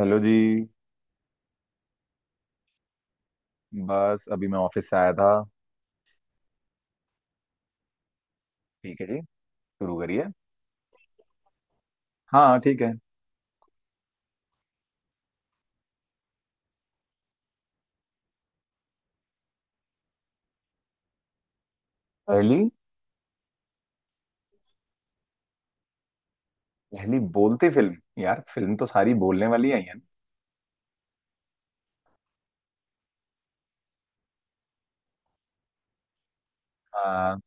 Hello जी। बस अभी मैं ऑफिस से आया था। ठीक है जी, शुरू करिए। हाँ ठीक है। पहली? पहली बोलती फिल्म यार, फिल्म तो सारी बोलने वाली आई है ना। हाँ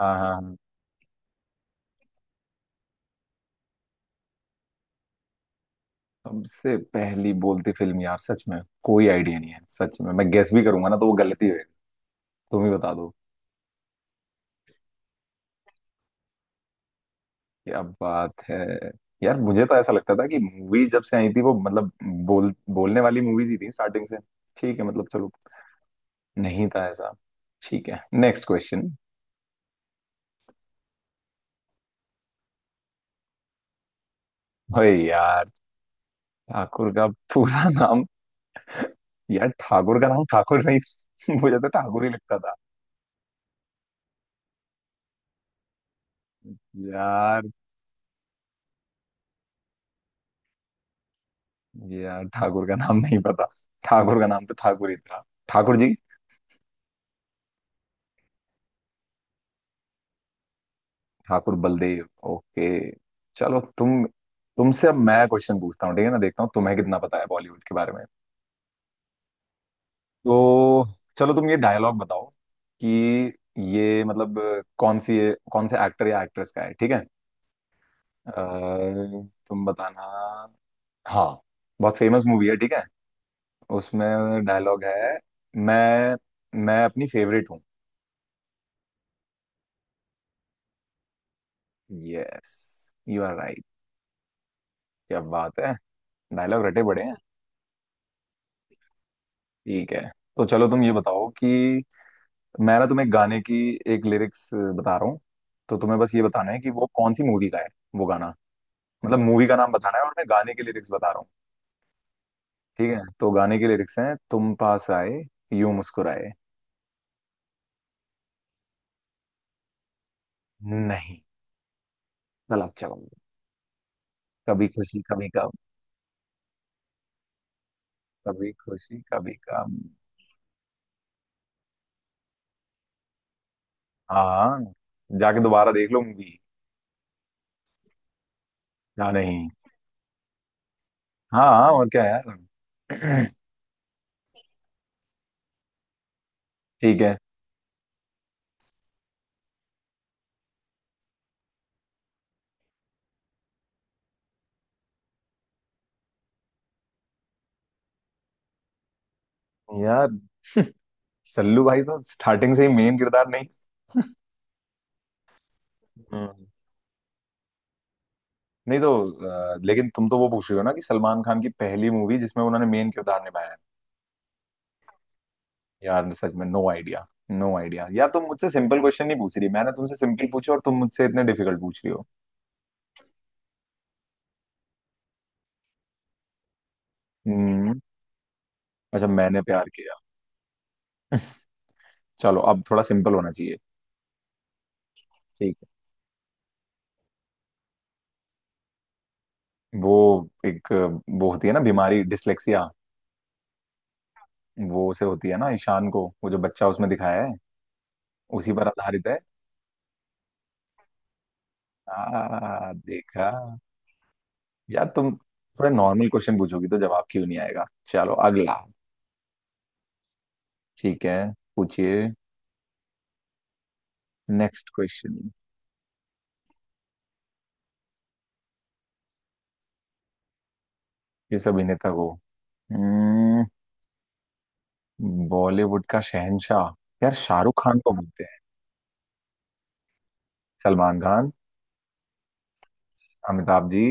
हाँ हाँ हाँ। सबसे पहली बोलती फिल्म यार, सच में कोई आइडिया नहीं है। सच में मैं गेस भी करूंगा ना तो वो गलती होगी। तुम ही बता दो। क्या बात है! यार मुझे तो ऐसा लगता था कि मूवी जब से आई थी वो मतलब बोलने वाली मूवीज ही थी स्टार्टिंग से। ठीक है मतलब, चलो। नहीं था ऐसा। ठीक है, नेक्स्ट क्वेश्चन। यार ठाकुर का पूरा नाम, यार ठाकुर का नाम ठाकुर नहीं? मुझे तो ठाकुर ही लगता था। यार, यार ठाकुर का नाम नहीं पता। ठाकुर का नाम तो ठाकुर ही था, ठाकुर जी। ठाकुर बलदेव, ओके। चलो तुम, तुमसे अब मैं क्वेश्चन पूछता हूँ, ठीक है ना। देखता हूँ तुम्हें कितना पता है बॉलीवुड के बारे में। तो चलो तुम ये डायलॉग बताओ कि ये मतलब कौन सी, कौन से एक्टर या एक्ट्रेस का है, ठीक है। अ, तुम बताना। हाँ, बहुत फेमस मूवी है, ठीक है। उसमें डायलॉग है, मैं मैं अपनी फेवरेट हूँ। Yes, you are right. क्या बात है, डायलॉग रटे बड़े हैं। ठीक है, तो चलो तुम ये बताओ कि मैं ना तुम्हें गाने की एक लिरिक्स बता रहा हूँ, तो तुम्हें बस ये बताना है कि वो कौन सी मूवी का है वो गाना। मतलब मूवी का नाम बताना है, और मैं गाने की लिरिक्स बता रहा हूँ। ठीक है, तो गाने की लिरिक्स हैं, तुम पास आए, यूं मुस्कुराए। नहीं, गलत जवाब। कभी खुशी कभी गम। कभी खुशी कभी गम। हाँ, जाके दोबारा देख लो मूवी। या नहीं? हाँ हाँ और क्या यार। ठीक है। यार, सल्लू भाई तो स्टार्टिंग से ही मेन किरदार नहीं। हम्म। नहीं तो, लेकिन तुम तो वो पूछ रहे हो ना कि सलमान खान की पहली मूवी जिसमें उन्होंने मेन किरदार निभाया है। यार सच में नो आइडिया। नो आइडिया यार, तुम मुझसे सिंपल क्वेश्चन नहीं पूछ रही। मैंने तुमसे सिंपल पूछे और तुम मुझसे इतने डिफिकल्ट पूछ रही हो। हम्म। अच्छा, मैंने प्यार किया। चलो, अब थोड़ा सिंपल होना चाहिए। ठीक है। वो एक वो होती है ना बीमारी, डिसलेक्सिया। वो से होती है ना ईशान को, वो जो बच्चा उसमें दिखाया है। उसी पर आधारित है। देखा। यार तुम थोड़े नॉर्मल क्वेश्चन पूछोगी तो जवाब क्यों नहीं आएगा। चलो अगला। ठीक है, पूछिए। Next question. किस अभिनेता को, हम्म, बॉलीवुड का शहंशाह? यार शाहरुख खान को बोलते हैं। सलमान खान। अमिताभ जी।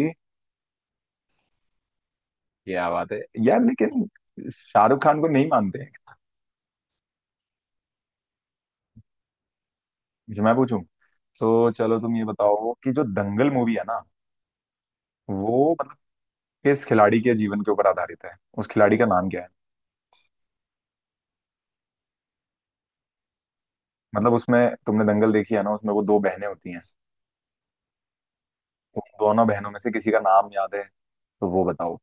क्या बात है! यार लेकिन शाहरुख खान को नहीं मानते हैं? अच्छा, मैं पूछूं। तो चलो तुम ये बताओ कि जो दंगल मूवी है ना, वो मतलब किस खिलाड़ी के जीवन के ऊपर आधारित है? उस खिलाड़ी का नाम क्या है? मतलब उसमें, तुमने दंगल देखी है ना, उसमें वो दो बहनें होती हैं, तो उन दोनों बहनों में से किसी का नाम याद है तो वो बताओ।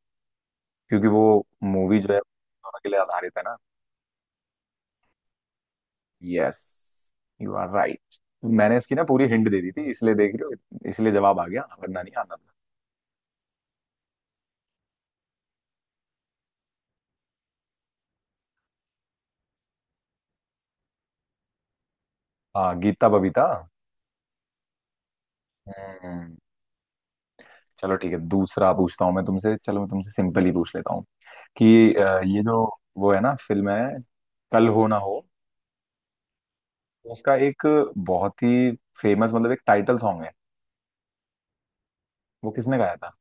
क्योंकि वो मूवी जो है दोनों के लिए आधारित है ना। Yes, you are right. मैंने इसकी ना पूरी हिंट दे दी थी, इसलिए देख रही हो इसलिए जवाब आ गया, वरना नहीं आना था। हाँ, गीता बबीता। हम्म। चलो ठीक है, दूसरा पूछता हूँ मैं तुमसे। चलो, मैं तुमसे सिंपल ही पूछ लेता हूँ। कि ये जो वो है ना, फिल्म है कल हो ना हो, उसका एक बहुत ही फेमस मतलब एक टाइटल सॉन्ग है, वो किसने गाया था?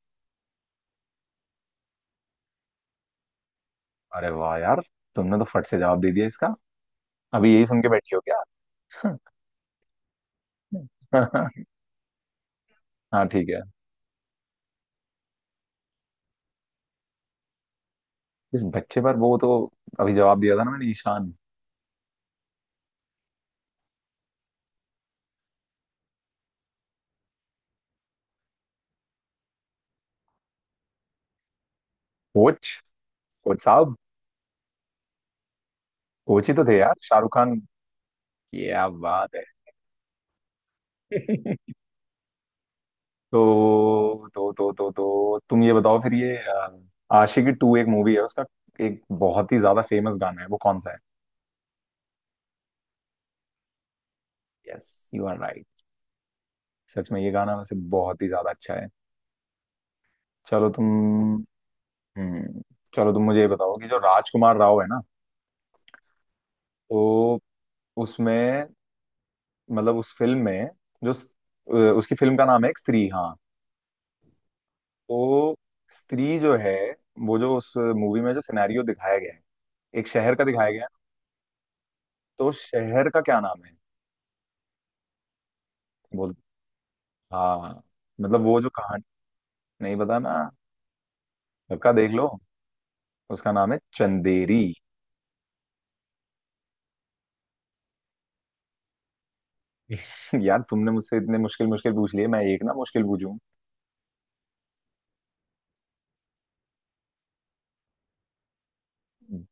अरे वाह यार, तुमने तो फट से जवाब दे दिया इसका। अभी यही सुन के बैठी हो क्या? हाँ ठीक है। इस बच्चे पर? वो तो अभी जवाब दिया था ना मैंने, ईशान। कोच। कोच साहब, कोच ही तो थे यार शाहरुख खान। क्या बात है! तो तुम ये बताओ फिर ये आशिकी टू एक मूवी है, उसका एक बहुत ही ज्यादा फेमस गाना है, वो कौन सा है? Yes, you are. सच में ये गाना वैसे बहुत ही ज्यादा अच्छा है। चलो तुम, हम्म। चलो तुम मुझे ये बताओ कि जो राजकुमार राव है ना, तो उसमें मतलब उस फिल्म में, जो स- उसकी फिल्म का नाम है एक स्त्री, हाँ। तो स्त्री जो है, वो जो उस मूवी में जो सिनेरियो दिखाया गया है, एक शहर का दिखाया गया है, तो उस शहर का क्या नाम है? बोल। हाँ हाँ, मतलब वो जो कहानी। नहीं पता ना? पक्का देख लो, उसका नाम है चंदेरी। यार तुमने मुझसे इतने मुश्किल मुश्किल पूछ लिए, मैं एक ना मुश्किल पूछूं।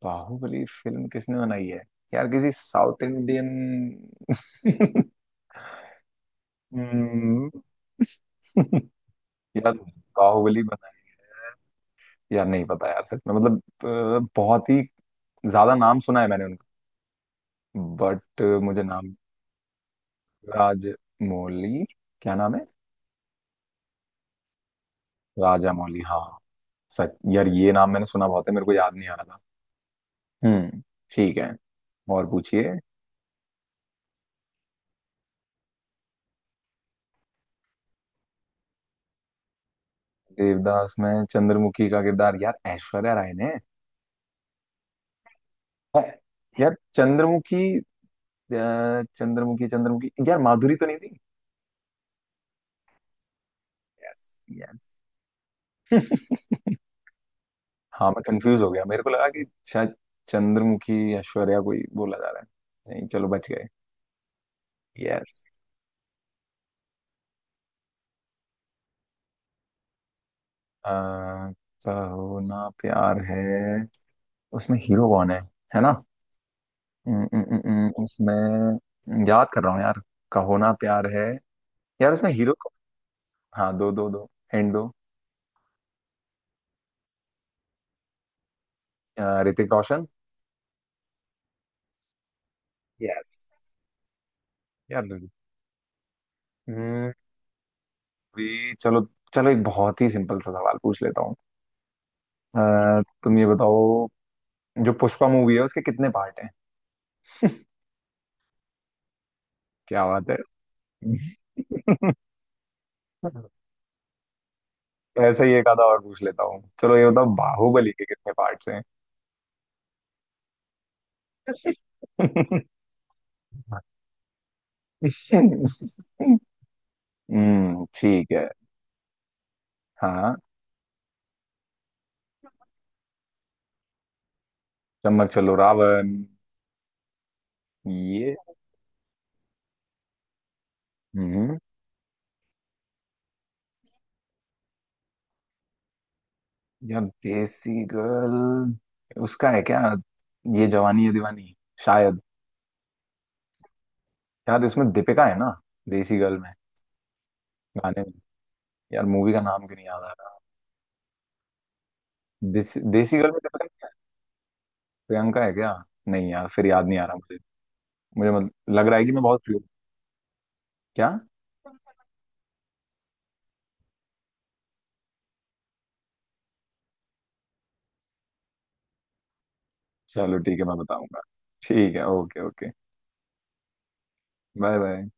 बाहुबली फिल्म किसने बनाई है? यार किसी साउथ इंडियन। हम्म, यार बाहुबली बनाई, यार नहीं पता यार सच में। मतलब बहुत ही ज्यादा नाम सुना है मैंने उनका, बट मुझे नाम। राजमौली। क्या नाम है? राजा मौली, हाँ। सच यार, ये नाम मैंने सुना बहुत है, मेरे को याद नहीं आ रहा था। हम्म, ठीक है, और पूछिए। देवदास में चंद्रमुखी का किरदार, यार ऐश्वर्या राय ने है। यार चंद्रमुखी, अ, चंद्रमुखी चंद्रमुखी यार माधुरी तो नहीं थी? Yes yes. हाँ मैं कंफ्यूज हो गया, मेरे को लगा कि शायद चंद्रमुखी ऐश्वर्या कोई बोला जा रहा है। नहीं चलो, बच गए। यस। अ, कहो ना प्यार है, उसमें हीरो कौन है ना। उम, उम, उम, उसमें याद कर रहा हूँ यार, कहो ना प्यार है। यार उसमें हीरो कौन? हाँ, दो दो दो हिंट दो। ऋतिक रोशन। यस। यार, हम्म, भी चलो। चलो एक बहुत ही सिंपल सा सवाल पूछ लेता हूँ। तुम ये बताओ, जो पुष्पा मूवी है उसके कितने पार्ट हैं? क्या बात है! ऐसा ही एक आधा और पूछ लेता हूँ। चलो ये बताओ, बाहुबली के कितने पार्ट्स हैं? ठीक है। हाँ। चम्मक चलो, रावण। ये। हम्म, यार देसी गर्ल, उसका है क्या ये जवानी है दीवानी, शायद? यार इसमें दीपिका है ना, देसी गर्ल में, गाने में? यार मूवी का नाम क्यों नहीं याद आ रहा। देसी, देसी गर्ल में दीपिका नहीं है? प्रियंका है क्या? नहीं यार, फिर याद नहीं आ रहा मुझे। मुझे मत, लग रहा है कि मैं बहुत फ्री हूँ। क्या? चलो ठीक है, मैं बताऊंगा। ठीक है, ओके ओके। Bye bye.